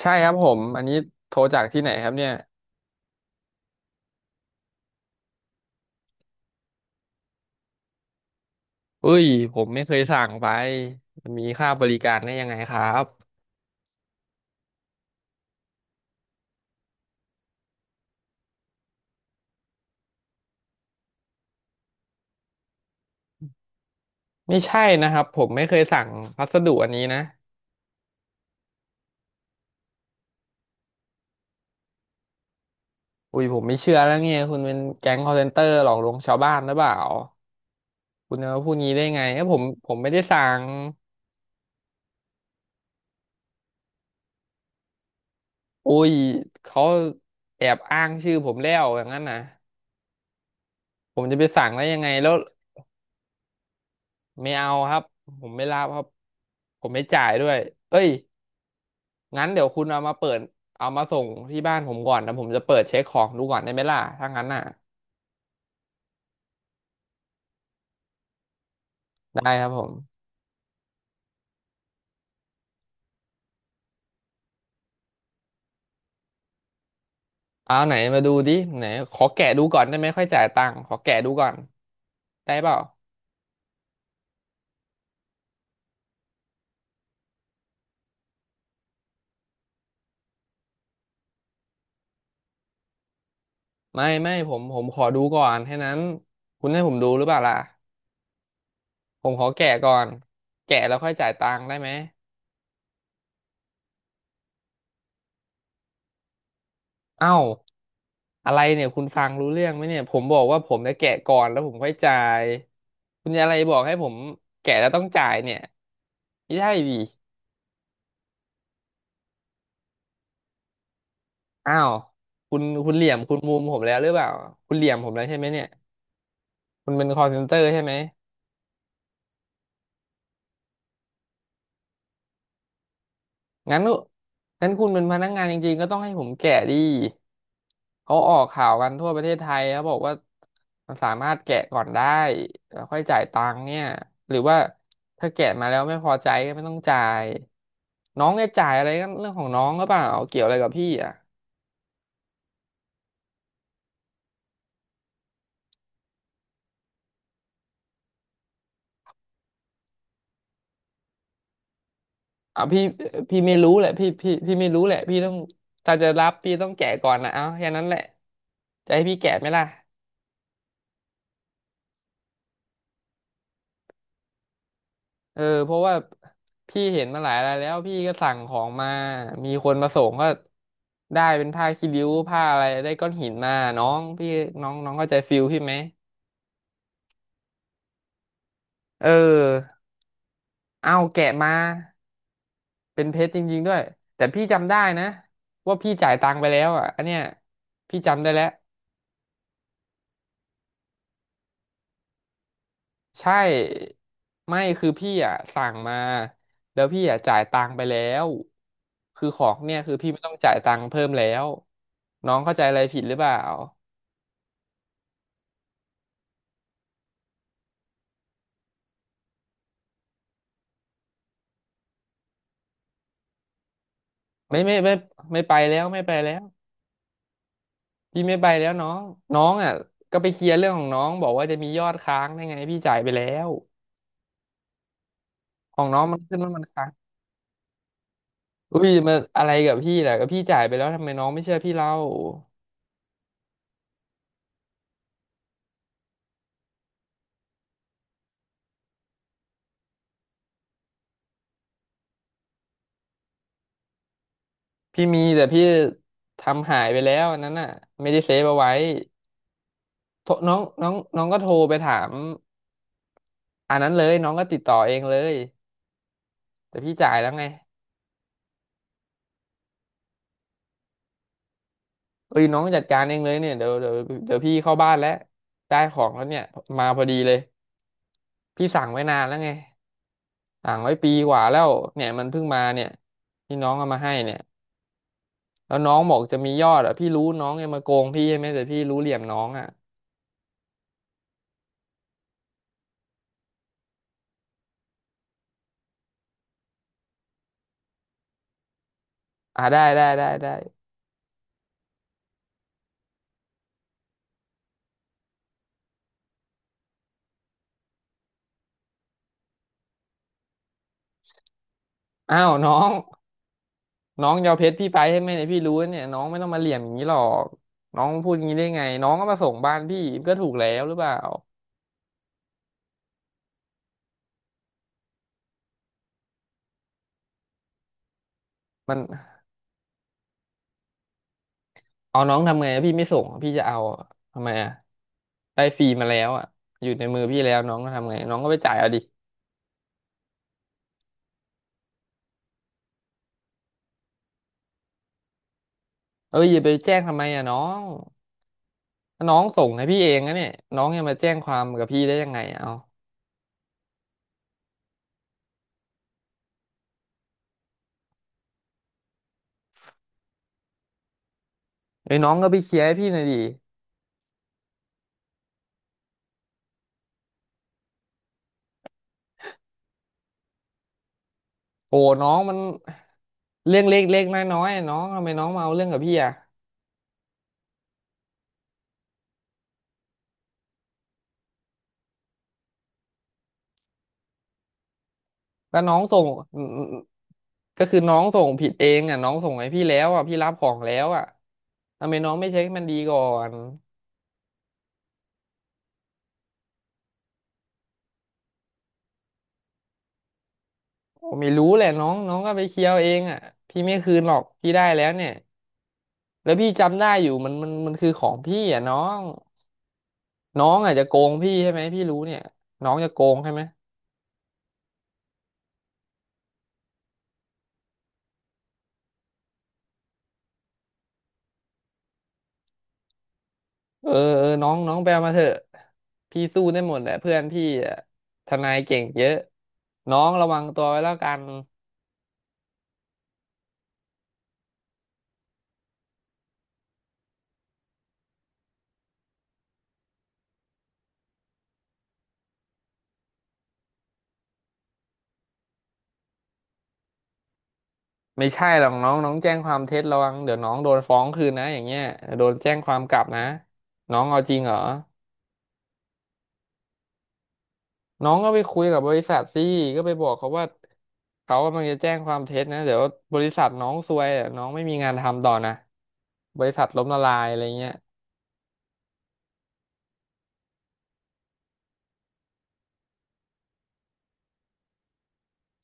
ใช่ครับผมอันนี้โทรจากที่ไหนครับเนี่ยเอ้ยผมไม่เคยสั่งไปมันมีค่าบริการได้ยังไงครับไม่ใช่นะครับผมไม่เคยสั่งพัสดุอันนี้นะอุ้ยผมไม่เชื่อแล้วเนี่ยคุณเป็นแก๊ง call center หลอกลวงชาวบ้านหรือเปล่าคุณจะมาพูดงี้ได้ไงเอ้ยผมไม่ได้สั่งอุ้ยเขาแอบอ้างชื่อผมแล้วอย่างนั้นนะผมจะไปสั่งได้ยังไงแล้วไม่เอาครับผมไม่รับครับผมไม่จ่ายด้วยเอ้ย งั้นเดี๋ยวคุณเอามาเปิดเอามาส่งที่บ้านผมก่อนนะผมจะเปิดเช็คของดูก่อนได้ไหมล่ะถ้างั้นน่ะได้ครับผมเอาไหนมาดูดิไหนขอแกะดูก่อนได้ไหมค่อยจ่ายตังค์ขอแกะดูก่อนได้เปล่าไม่ไม่ผมขอดูก่อนแค่นั้นคุณให้ผมดูหรือเปล่าล่ะผมขอแกะก่อนแกะแล้วค่อยจ่ายตังค์ได้ไหมเอ้าอะไรเนี่ยคุณฟังรู้เรื่องไหมเนี่ยผมบอกว่าผมจะแกะก่อนแล้วผมค่อยจ่ายคุณจะอะไรบอกให้ผมแกะแล้วต้องจ่ายเนี่ยไม่ใช่ดิ อ้าวคุณคุณเหลี่ยมคุณมุมผมแล้วหรือเปล่าคุณเหลี่ยมผมแล้วใช่ไหมเนี่ยคุณเป็น call center ใช่ไหมงั้นงั้นคุณเป็นพนักงานจริงๆก็ต้องให้ผมแกะดิเขาออกข่าวกันทั่วประเทศไทยเขาบอกว่ามันสามารถแกะก่อนได้แล้วค่อยจ่ายตังค์เนี่ยหรือว่าถ้าแกะมาแล้วไม่พอใจก็ไม่ต้องจ่ายน้องจะจ่ายอะไรก็เรื่องของน้องหรือเปล่าเกี่ยวอะไรกับพี่อ่ะ อ่ะพี่พี่ไม่รู้แหละพี่ไม่รู้แหละพี่ต้องถ้าจะรับพี่ต้องแกะก่อนนะเอาแค่นั้นแหละจะให้พี่แกะไหมล่ะเออเพราะว่าพี่เห็นมาหลายรายแล้วพี่ก็สั่งของมามีคนมาส่งก็ได้เป็นผ้าคีริ้วผ้าอะไรได้ก้อนหินมาน้องพี่น้องน้องเข้าใจฟิลพี่ไหมเออเอาแกะมาเป็นเพชรจริงๆด้วยแต่พี่จำได้นะว่าพี่จ่ายตังค์ไปแล้วอ่ะอันเนี้ยพี่จำได้แล้ว ใช่ไม่คือพี่อ่ะสั่งมาแล้วพี่อ่ะจ่ายตังค์ไปแล้วคือของเนี่ยคือพี่ไม่ต้องจ่ายตังค์เพิ่มแล้วน้องเข้าใจอะไรผิดหรือเปล่าไม่ไม่ไปแล้วไม่ไปแล้วพี่ไม่ไปแล้วน้องน้องอ่ะก็ไปเคลียร์เรื่องของน้องบอกว่าจะมียอดค้างได้ไงพี่จ่ายไปแล้วของน้องมันขึ้นว่ามันค้างอุ้ยมันอะไรกับพี่ล่ะก็พี่จ่ายไปแล้วทำไมน้องไม่เชื่อพี่เล่าพี่มีแต่พี่ทำหายไปแล้วอันนั้นน่ะไม่ได้เซฟเอาไว้ โทรน้องน้องน้องก็โทรไปถามอันนั้นเลยน้องก็ติดต่อเองเลยแต่พี่จ่ายแล้วไงเอ้ยน้องจัดการเองเลยเนี่ยเดี๋ยวพี่เข้าบ้านแล้วได้ของแล้วเนี่ยมาพอดีเลยพี่สั่งไว้นานแล้วไงสั่งไว้ปีกว่าแล้วเนี่ยมันเพิ่งมาเนี่ยที่น้องเอามาให้เนี่ยแล้วน้องบอกจะมียอดอ่ะพี่รู้น้องยังมาโกงพี่ใช่ไหมแต่พี่รู้เหลี่ยมน้องอ่ะอ่าได้ได้ได้ได้อ้าวน้อง น้องยอาเพชรพี่ไปให้ไห่เนี่ยพี่รู้เนี่ยน้องไม่ต้องมาเหลี่ยมอย่างนี้หรอกน้องพูดอย่างนี้ได้ไงน้องก็มาส่งบ้านพี่ก็ถูกแล้วหรือเปล่ามันเอาน้องทำไงอะพี่ไม่ส่งอะพี่จะเอาอะทำไมอ่ะได้ฟรีมาแล้วอ่ะอยู่ในมือพี่แล้วน้องก็ทำไงน้องก็ไปจ่ายเอาดิเอ้ยอย่าไปแจ้งทำไมอ่ะน้องถ้าน้องส่งให้พี่เองนะเนี่ยน้องยังมาแจ้งความกับพี่ได้ยังไงอะเอาเอ้ยน้องก็ไปเคลียร์ให้พี่หน่อยดิโอ้น้องมันเรื่องเล็กๆน้อยๆอะน้องทำไมน้องมาเอาเรื่องกับพี่อ่ะ แล้วน้องส่งก็คือน้องส่งผิดเองอ่ะน้องส่งให้พี่แล้วอ่ะพี่รับของแล้วอ่ะทำไมน้องไม่เช็คให้มันดีก่อนผมไม่รู้แหละน้องน้องก็ไปเคลียร์เอาเองอ่ะพี่ไม่คืนหรอกพี่ได้แล้วเนี่ยแล้วพี่จำได้อยู่มันคือของพี่อ่ะน้องน้องอาจจะโกงพี่ใช่ไหมพี่รู้เนี่ยน้องจะโกงใช่ไหมเออเออน้องน้องไปเอามาเถอะพี่สู้ได้หมดแหละเพื่อนพี่อ่ะทนายเก่งเยอะน้องระวังตัวไว้แล้วกัน ไม่ใช่หรอกน้องน้องแจ้งความเท็จระวังเดี๋ยวน้องโดนฟ้องคืนนะอย่างเงี้ยโดนแจ้งความกลับนะน้องเอาจริงเหรอน้องก็ไปคุยกับบริษัทสิก็ไปบอกเขาว่าเขากำลังจะแจ้งความเท็จนะเดี๋ยวบริษัทน้องซวยอะน้องไม่มีงานทำต่อนะบริษัทล้มละลายอะไรเงี้ย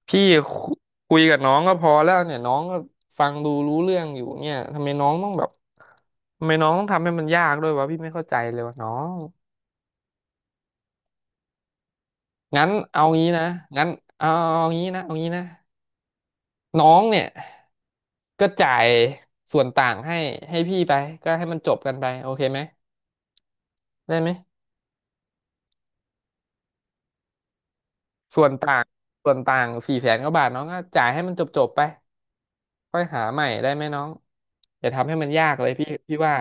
พี่คุคุยกับน้องก็พอแล้วเนี่ยน้องก็ฟังดูรู้เรื่องอยู่เนี่ยทำไมน้องต้องแบบทำไมน้องต้องทำให้มันยากด้วยวะพี่ไม่เข้าใจเลยวะน้องงั้นเอางี้นะงั้นเอาเอางี้นะเอางี้นะ น้องเนี่ยก็จ่ายส่วนต่างให้ให้พี่ไปก็ให้มันจบกันไปโอเคไหมได้ไหมส่วนต่างส่วนต่างสี่แสนกว่าบาทน้องก็จ่ายให้มันจบจบไปค่อยหาใหม่ได้ไหมน้องอย่าทำให้มันยากเลยพี่พี่ว่า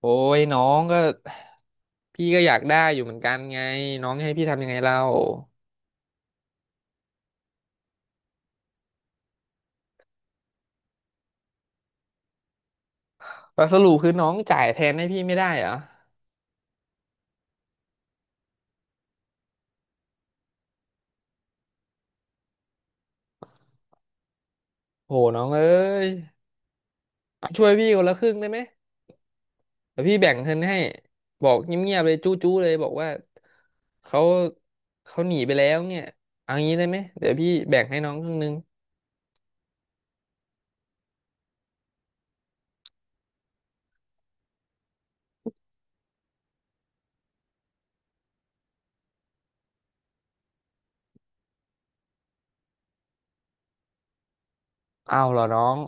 โอ้ยน้องก็พี่ก็อยากได้อยู่เหมือนกันไงน้องให้พี่ทำยังไงเราแล้วสรุปคือน้องจ่ายแทนให้พี่ไม่ได้เหรอโหน้องเอ้ยช่วยพี่คนละครึ่งได้ไหม เดี๋ยวพี่แบ่งเงินให้บอกเงียบๆเลยจู้ๆเลยบอกว่าเขาเขาหนีไปแล้วเนี่ยเอางี้ได้ไหมเดี๋ยวพี่แบ่งให้น้องครึ่งนึงเอาเหรอน้อง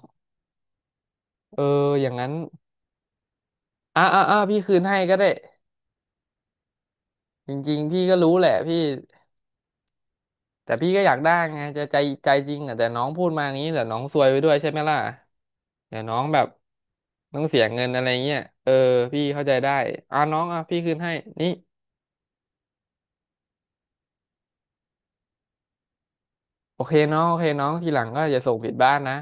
เอออย่างนั้นอ่ะอ่ะอ่ะพี่คืนให้ก็ได้จริงๆพี่ก็รู้แหละพี่แต่พี่ก็อยากได้ไงจะใจใจจริงอ่ะแต่น้องพูดมาอย่างนี้แต่น้องซวยไปด้วยใช่ไหมล่ะเดี๋ยวน้องแบบต้องเสียเงินอะไรเงี้ยเออพี่เข้าใจได้อ่ะน้องอ่ะพี่คืนให้นี่โอเคน้องโอเคน้องทีหลังก็อย่าส่งผิดบ้านนะ